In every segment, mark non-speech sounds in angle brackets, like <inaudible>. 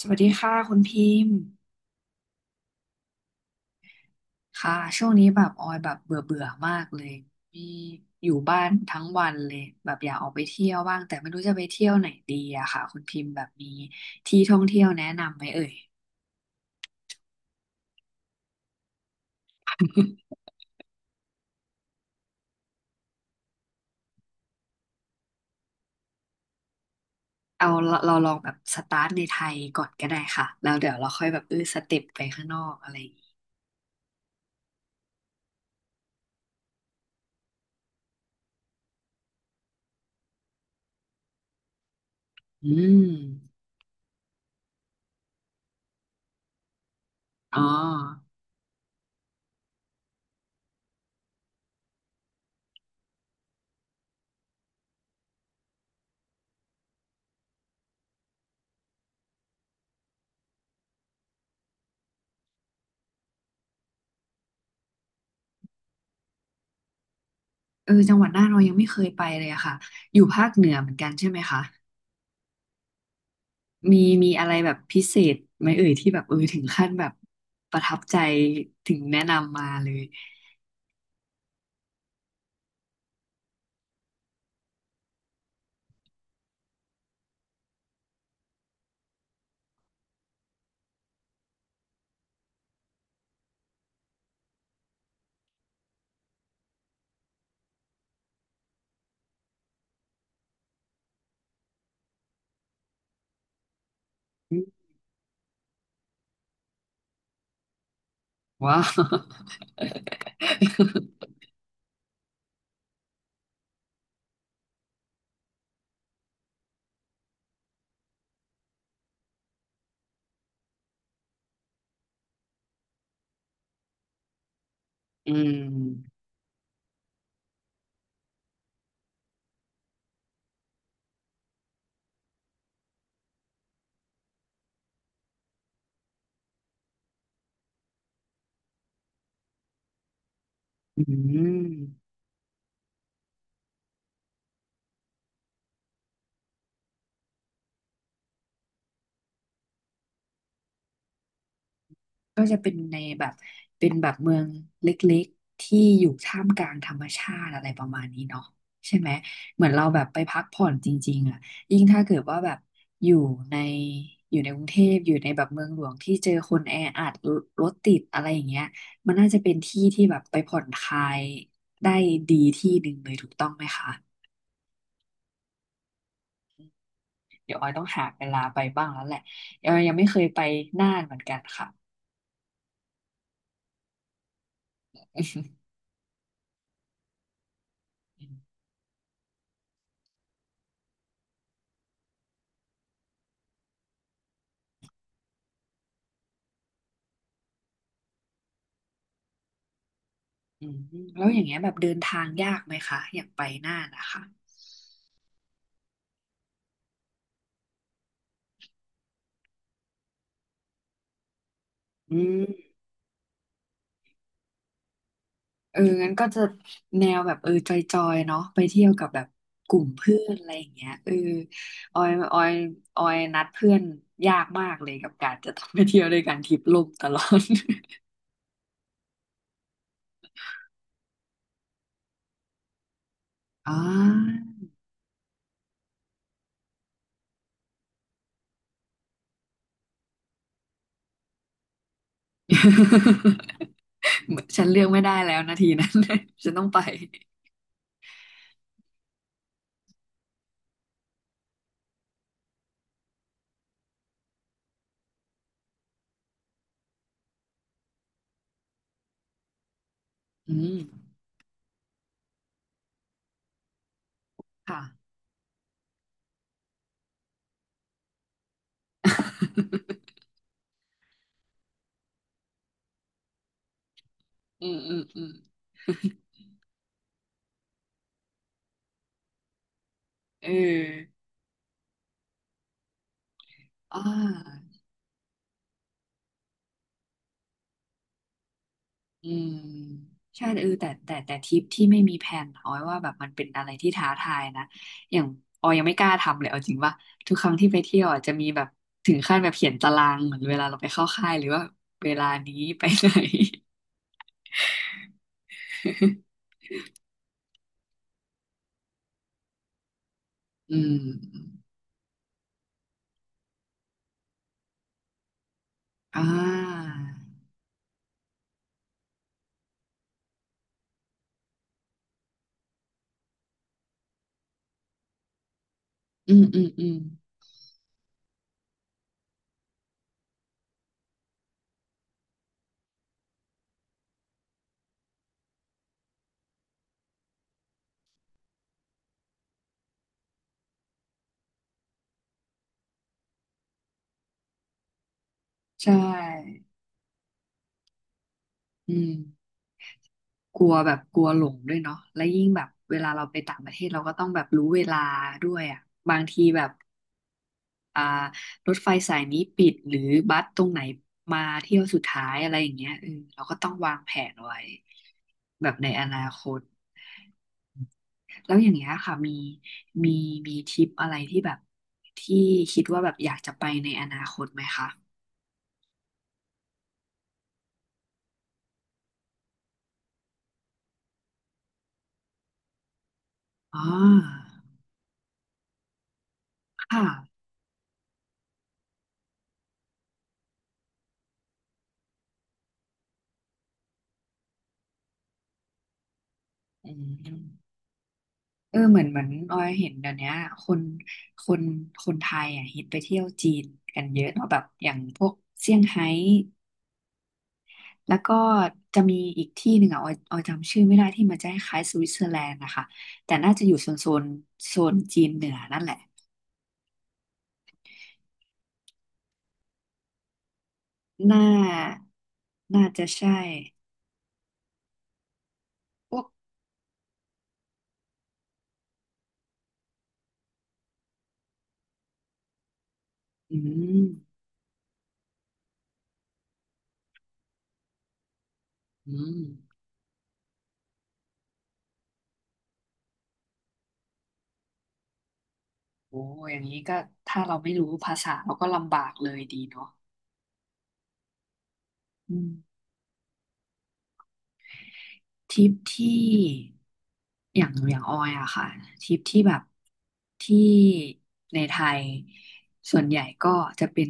สวัสดีค่ะคุณพิมพ์ค่ะช่วงนี้แบบออยแบบเบื่อเบื่อมากเลยมีอยู่บ้านทั้งวันเลยแบบอยากออกไปเที่ยวบ้างแต่ไม่รู้จะไปเที่ยวไหนดีอะค่ะคุณพิมพ์แบบมีที่ท่องเที่ยวแนะนำไหมเอ่ยเอาเราลองแบบสตาร์ทในไทยก่อนก็ได้ค่ะแล้วเดี๋ยวเราค่อยแบบสเต็ปไปข้างนอกอะไรอย่างงี้อืมอ๋อเออจังหวัดน่านเรายังไม่เคยไปเลยอะค่ะอยู่ภาคเหนือเหมือนกันใช่ไหมคะ มีมีอะไรแบบพิเศษไหมเอ่ยที่แบบถึงขั้นแบบประทับใจถึงแนะนำมาเลยว้าว <laughs> อืมอืม ก็จะเป็นในแบบเป็นแบบเมืองเล็กๆที่อยู่ท่ามกลางธรรมชาติอะไรประมาณนี้เนาะใช่ไหมเหมือนเราแบบไปพักผ่อนจริงๆอ่ะยิ่งถ้าเกิดว่าแบบอยู่ในอยู่ในกรุงเทพอยู่ในแบบเมืองหลวงที่เจอคนแออัดรรถติดอะไรอย่างเงี้ยมันน่าจะเป็นที่ที่แบบไปผ่อนคลายได้ดีที่หนึ่งเลยถูกต้องไหมคะเดี๋ยวออยต้องหาเวลาไปบ้างแล้วแหละออยยังไม่เคยไปน่านเหมือนกันค่ะ <laughs> อืมแล้วอย่างเงี้ยแบบเดินทางยากไหมคะอย่างไปน่านนะคะอืมเอองั้นก็จะแนวแบบจอยๆเนาะไปเที่ยวกับแบบกลุ่มเพื่อนอะไรอย่างเงี้ยเออออยออยออยนัดเพื่อนยากมากเลยกับการจะต้องไปเที่ยวด้วยกันทริปล่มตลอด <laughs> อ๋อ <laughs> เหมือนฉันเลือกไม่ได้แล้วนาทีนั้น <laughs> ฉันต้องไปอืมค่ะ <laughs> อืมเอออ่า อืมใช่เออแต่ทริปที่ไม่มีแผนออยว่าแบบมันเป็นอะไรที่ท้าทายนะอย่างออยยังไม่กล้าทำเลยเอาจริงว่าทุกครั้งที่ไปเที่ยวอ่ะจะมีแบบถึงขั้นแบบเขียนตารางเหมือนเวลาเราไปเข้าค่ายหรือว่าเวลานี้ไปไหน <laughs> อืมอ่าอืมใช่อืมกลัวแบบกลัวหลงด้วยเนาะและยิ่งแบบเวลาเราไปต่างประเทศเราก็ต้องแบบรู้เวลาด้วยอ่ะบางทีแบบ อ่ารถไฟสายนี้ปิดหรือบัสตรงไหนมาเที่ยวสุดท้ายอะไรอย่างเงี้ยเออเราก็ต้องวางแผนไว้แบบในอนาคตแล้วอย่างเงี้ยค่ะมีมีทริปอะไรที่แบบที่คิดว่าแบบอยากจะไปในอนาคตไหมคะอ๋อค่ะอืมเออเหมือนออยเห็นเดี๋ยวเนี้ยคนคนคนไทยอ่ะฮิตไปเที่ยวจีนกันเยอะเนาะแบบอย่างพวกเซี่ยงไฮ้ แล้วก็จะมีอีกที่หนึ่งอ่ะออยจำชื่อไม่ได้ที่มันจะคล้ายสวิตเซอร์แลนด์นะคะ แต่น่าจะอยู่โซนโซนจีนเหนือนั่นแหละ น่าน่าจะใช่พวกอืม อืมโอ้อย่างนี้ก็ถ้าเราไม่รู้ภาษาเราก็ลำบากเลยดีเนาะอืม ทริปที่อย่างออยอะค่ะทริปที่แบบที่ในไทยส่วนใหญ่ก็จะเป็น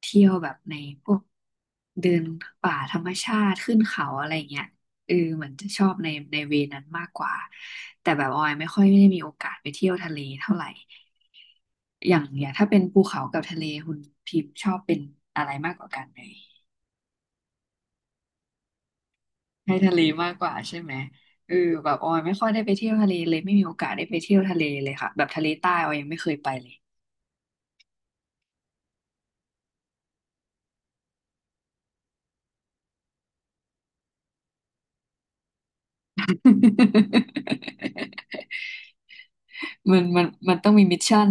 เที่ยวแบบในพวกเดินป่าธรรมชาติขึ้นเขาอะไรเงี้ยเออเหมือนจะชอบในเวนั้นมากกว่าแต่แบบออยไม่ค่อยได้มีโอกาสไปเที่ยวทะเลเท่าไหร่อย่างถ้าเป็นภูเขากับทะเลคุณพิมพ์ชอบเป็นอะไรมากกว่ากันเลย ให้ทะเลมากกว่าใช่ไหมเออแบบออยไม่ค่อยได้ไปเที่ยวทะเลเลยไม่มีโอกาสได้ไปเที่ยวทะเลเลยค่ะแบบทะเลใต้ออยยังไม่เคยไปเลย <laughs> มันต้องมีมิชชั่น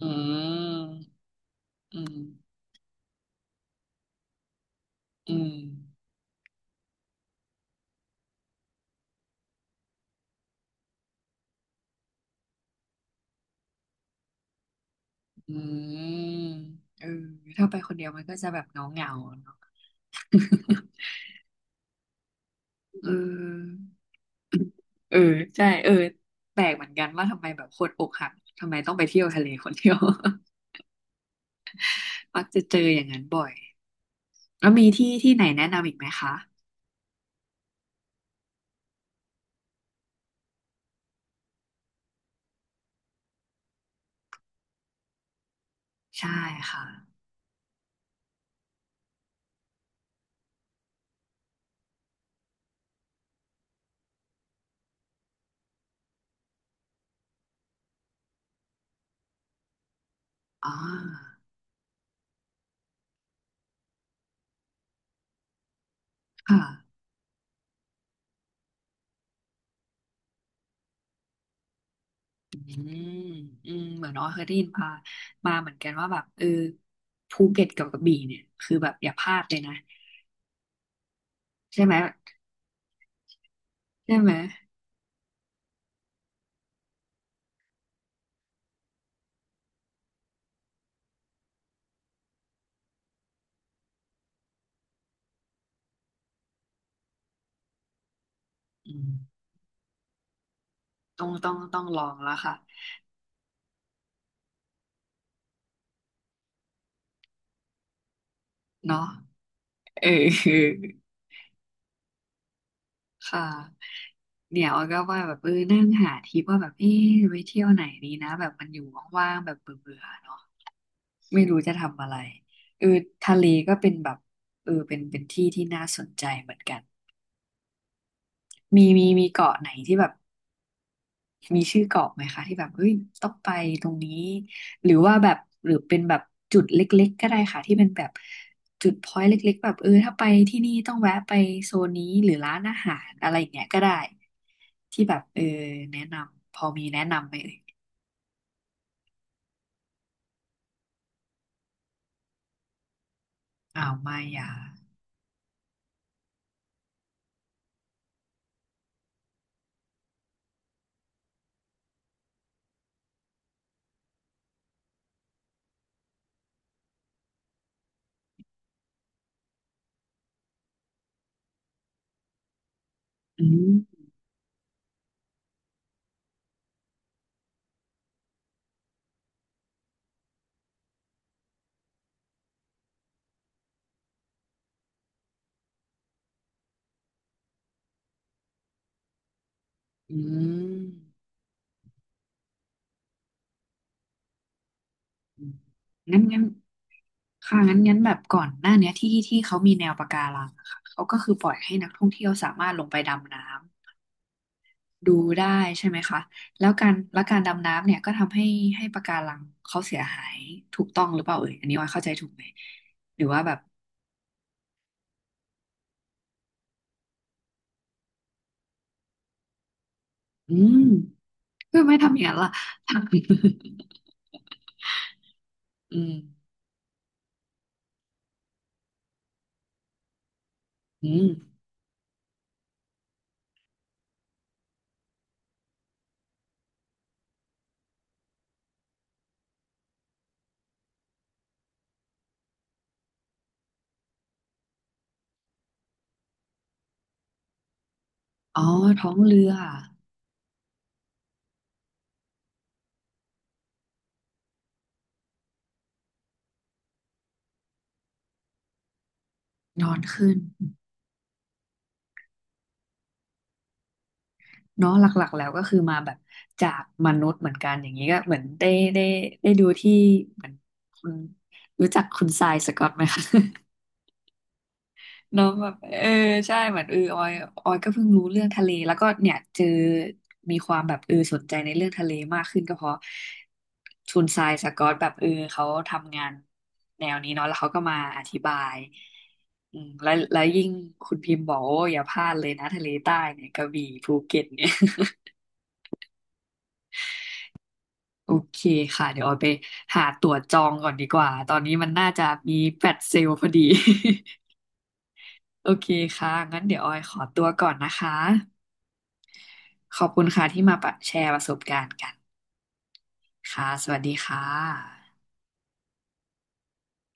อืมอืมอืมอืมเออถ้าไปคนเดียวมันก็จะแบบเหงาเนาะ <laughs> เออใช่เออแปลกเหมือนกันว่าทำไมแบบคนอกหักทำไมต้องไปเที่ยวทะเลคนเดียว <laughs> มักจะเจออย่างนั้นบ่อยแล้วมีที่ที่ไหนแนะนำอีกไหมคะ ใช่ค่ะอ่าค่ะอืมอืมเหมือนน้อยเคยได้ยินมาเหมือนกันว่าแบบเออภูเก็ตกับกระบี่เนี่ยคือแบบอย่าพลาดเลยนะใช่ไหมใช่ไหมอืมต้องลองแล้วค่ะเนาะเออค่ะเนี่ยออยก็ว่าแบบเออนั่งหาทริปว่าแบบเออไปเที่ยวไหนดีนะแบบมันอยู่ว่างๆแบบเบื่อๆเนาะไม่รู้จะทำอะไรเออทะเลก็เป็นแบบเออเป็นที่ที่น่าสนใจเหมือนกัน มีเกาะไหนที่แบบมีชื่อเกาะไหมคะที่แบบเฮ้ยต้องไปตรงนี้หรือว่าแบบหรือเป็นแบบจุดเล็กๆก็ได้ค่ะที่เป็นแบบจุดพอยต์เล็กๆแบบเออถ้าไปที่นี่ต้องแวะไปโซนนี้หรือร้านอาหารอะไรอย่างเงี้ยก็ได้ที่แบบเออแนะนำพอมีแนะนำไหมเอ่ยอ้าวไม่อ่อืมอืมอืมงั้นค่ะงั้นแบบก่อนหน้าเนี้ยที่ที่เขามีแนวปะการังอะค่ะเขาก็คือปล่อยให้นักท่องเที่ยวสามารถลงไปดำน้ำ ดูได้ใช่ไหมคะแล้วการดำน้ำเนี่ยก็ทำให้ให้ปะการังเขาเสียหายถูกต้องหรือเปล่าเอ่ยอันนี้ว่าเข้าใจถูกไหมหรือว่าแบบอืมเพื่อไม่ทำอย่างนั้นล่ะ <laughs> อืมอืมอ๋อท้องเรือนอนขึ้นเนาะหลักๆแล้วก็คือมาแบบจากมนุษย์เหมือนกันอย่างนี้ก็เหมือนได้ได้ดูที่เหมือนคุณรู้จักคุณทรายสก็อตไหมคะ <laughs> เนาะแบบเออใช่เหมือนเออออยก็เพิ่งรู้เรื่องทะเลแล้วก็เนี่ยเจอมีความแบบเออสนใจในเรื่องทะเลมากขึ้นก็เพราะคุณทรายสกอตแบบเออเขาทำงานแนวนี้เนาะแล้วเขาก็มาอธิบายอืมแล้วยิ่งคุณพิมพ์บอกโอ้อย่าพลาดเลยนะทะเลใต้เนี่ยกระบี่ภูเก็ตเนี่ย <laughs> โอเคค่ะเดี๋ยวออยไปหาตั๋วจองก่อนดีกว่าตอนนี้มันน่าจะมีแฟลชเซลล์พอดี <laughs> โอเคค่ะงั้นเดี๋ยวออยขอตัวก่อนนะคะ ขอบคุณค่ะที่มาแชร์ประสบการณ์กันค่ะสวัสดีค่ะ